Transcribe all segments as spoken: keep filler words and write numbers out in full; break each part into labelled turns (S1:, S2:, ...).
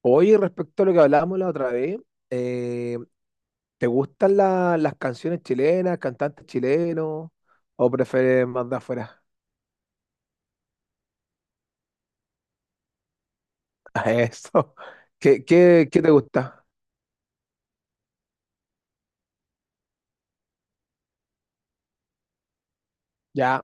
S1: Oye, respecto a lo que hablábamos la otra vez, eh, ¿te gustan la- las canciones chilenas, cantantes chilenos, o prefieres más de afuera? A eso. ¿Qué, qué, qué te gusta? Ya,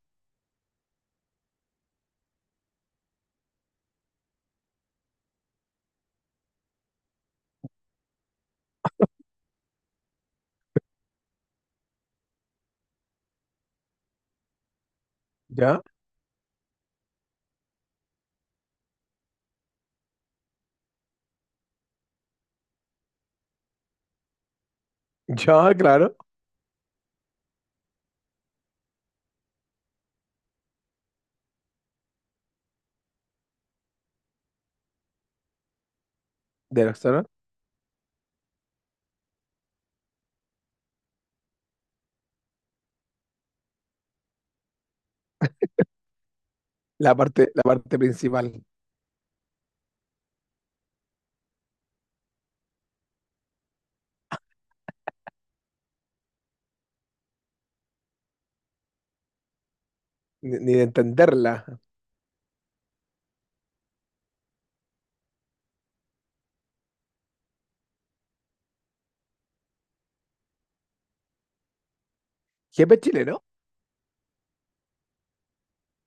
S1: ya, ya, claro. De Roxana. La parte, la parte principal. Ni, ni de entenderla. ¿Jefe chileno?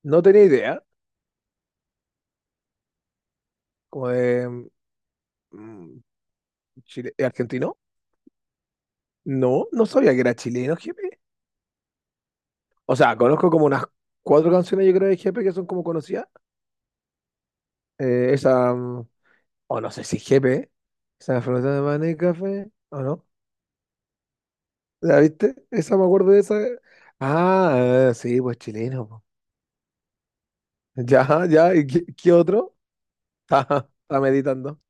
S1: No tenía idea. Como de mm, Chile- eh, argentino. No, no sabía que era chileno, jefe. O sea, conozco como unas cuatro canciones, yo creo, de jefe que son como conocidas. Eh, esa. mm, O no sé si G P, esa flota de maní y café, o no. ¿La viste? Esa, me acuerdo de esa. Ah, eh, sí, pues chileno, po. Ya, ya, ¿y qué, qué otro? Está, está meditando.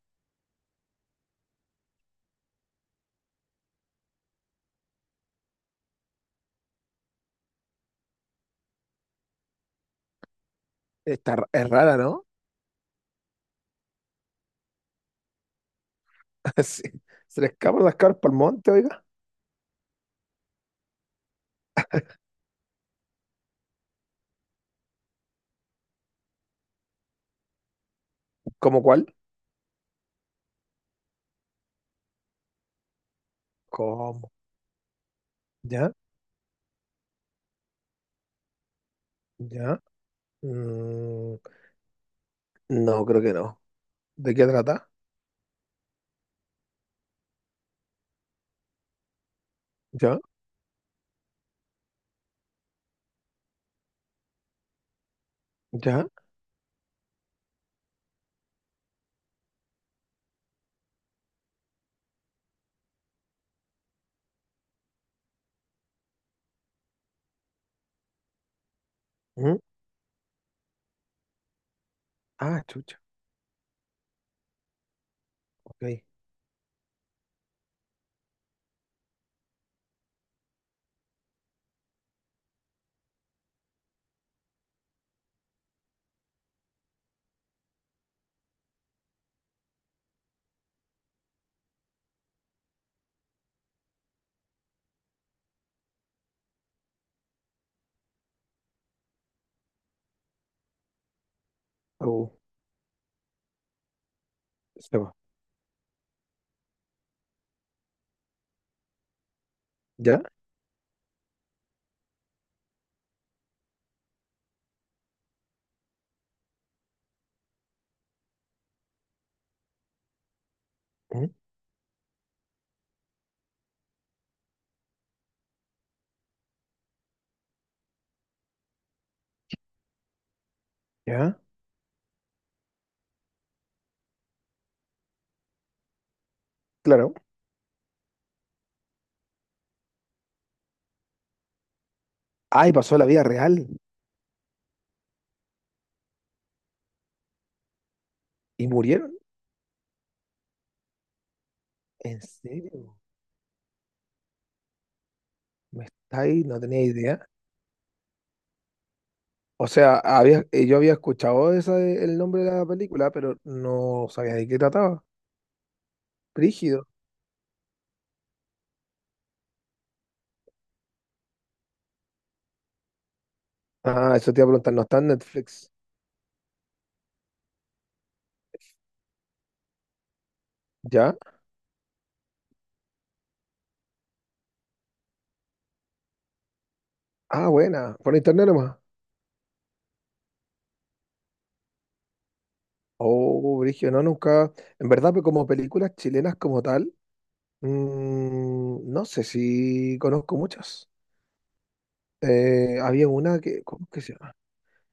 S1: Está, r- es rara, ¿no? Sí. Se le escapan las carpas al monte, oiga. ¿Cómo cuál? ¿Cómo? ¿Ya? ¿Ya? Mm, no, creo que no. ¿De qué trata? ¿Ya? ¿Ya? ¿Mm? Ah, chucha. Ok. Uh, Se va. ¿Ya? ¿Mm? ¿Ya? Claro. Ay, pasó a la vida real. ¿Y murieron? ¿En serio? Me está ahí, no tenía idea. O sea, había, eh, yo había escuchado esa, de- el nombre de la película, pero no sabía de qué trataba. Brígido. Ah, eso te iba a preguntar, no está en Netflix. ¿Ya? Ah, buena. Por internet nomás. Oh, brígido, no, nunca. En verdad, pues como películas chilenas como tal, mm, no sé si conozco muchas. Eh, había una que, ¿cómo que se llama?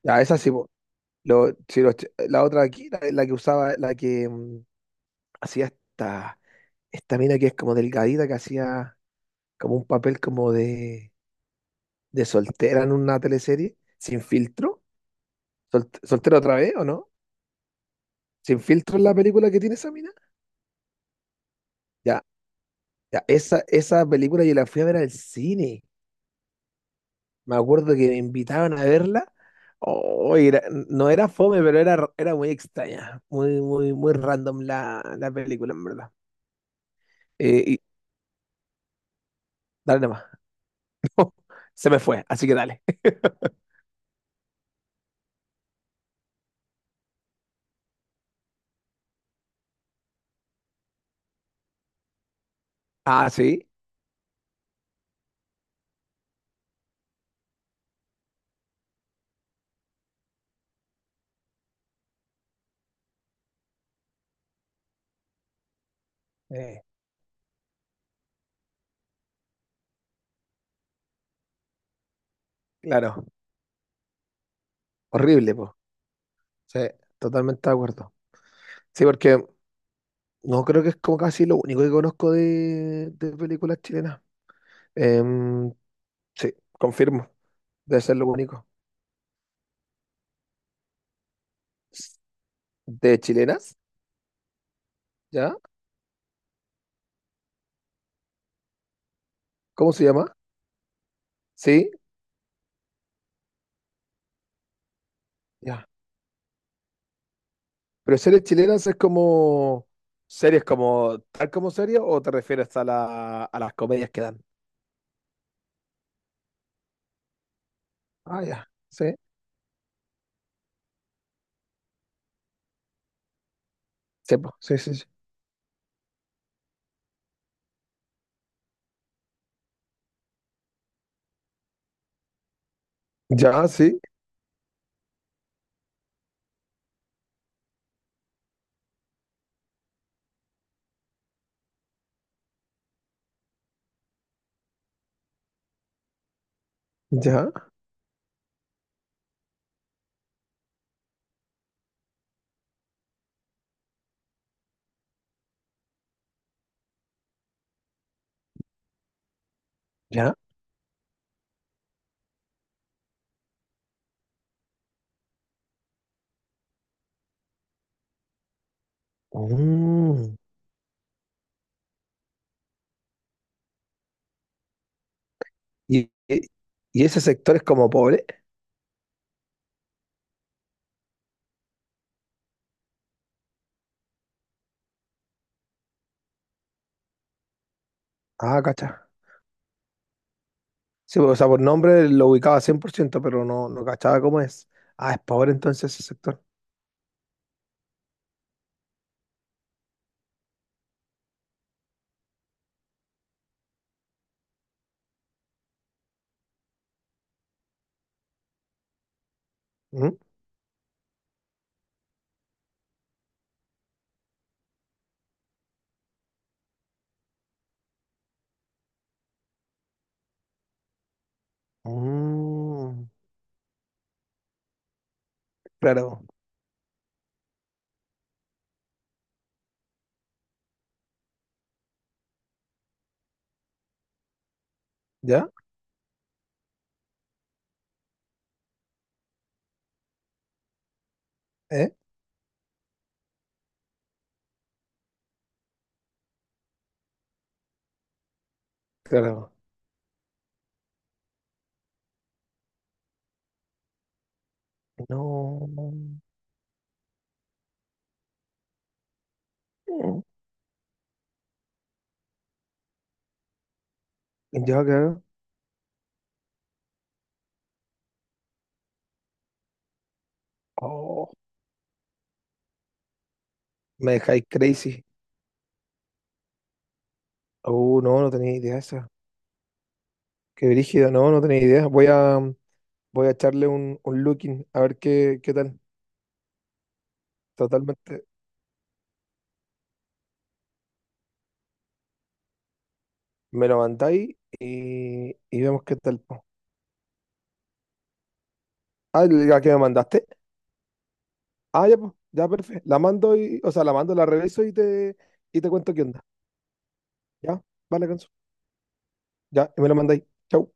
S1: Ya, esa sí, po. Lo- si los ch- la otra aquí, la, la que usaba, la que mm, hacía esta. esta. Mina que es como delgadita, que hacía como un papel como de, de soltera en una teleserie, sin filtro. Sol- ¿Soltera otra vez o no? ¿Sin filtro es la película que tiene esa mina? Ya, ya, esa, esa película yo la fui a ver al cine. Me acuerdo que me invitaban a verla. Oh, era- no era fome, pero era, era muy extraña. Muy, muy, muy random la, la película, en verdad. Eh, y dale nomás. Se me fue, así que dale. Ah, sí. Eh, claro. Horrible, po. Sí, totalmente de acuerdo. Sí, porque no creo que es como casi lo único que conozco de, de películas chilenas. Em, sí, confirmo. Debe ser lo único. ¿De chilenas? ¿Ya? ¿Cómo se llama? Sí, ya. Pero series chilenas es como series como tal como series, o te refieres a la, a las comedias que dan. Ah, ya. Sí, sí, po, sí, sí, sí. Ya, sí, ya, ya. Mm. ¿Y, y, y ese sector es como pobre? Ah, cacha. Sí, o sea, por nombre lo ubicaba cien por ciento, pero no, no cachaba cómo es. Ah, es Power entonces ese sector. Ujú. Mm, claro. ¿Ya? ¿Eh? Claro. No. Mm. Ya, claro. Oh, me dejáis crazy. Oh, no, no tenía idea esa. Qué brígido, no, no tenía idea. Voy a, voy a echarle un, un, looking a ver qué, qué tal. Totalmente. Me lo mandáis y, y vemos qué tal, po. Ah, ¿la que me mandaste? Ah, ya, pues, ya, perfecto. La mando y, o sea, la mando, la reviso y te, y te cuento qué onda. Ya, vale, Canso. Ya, y me lo mandáis. Chau.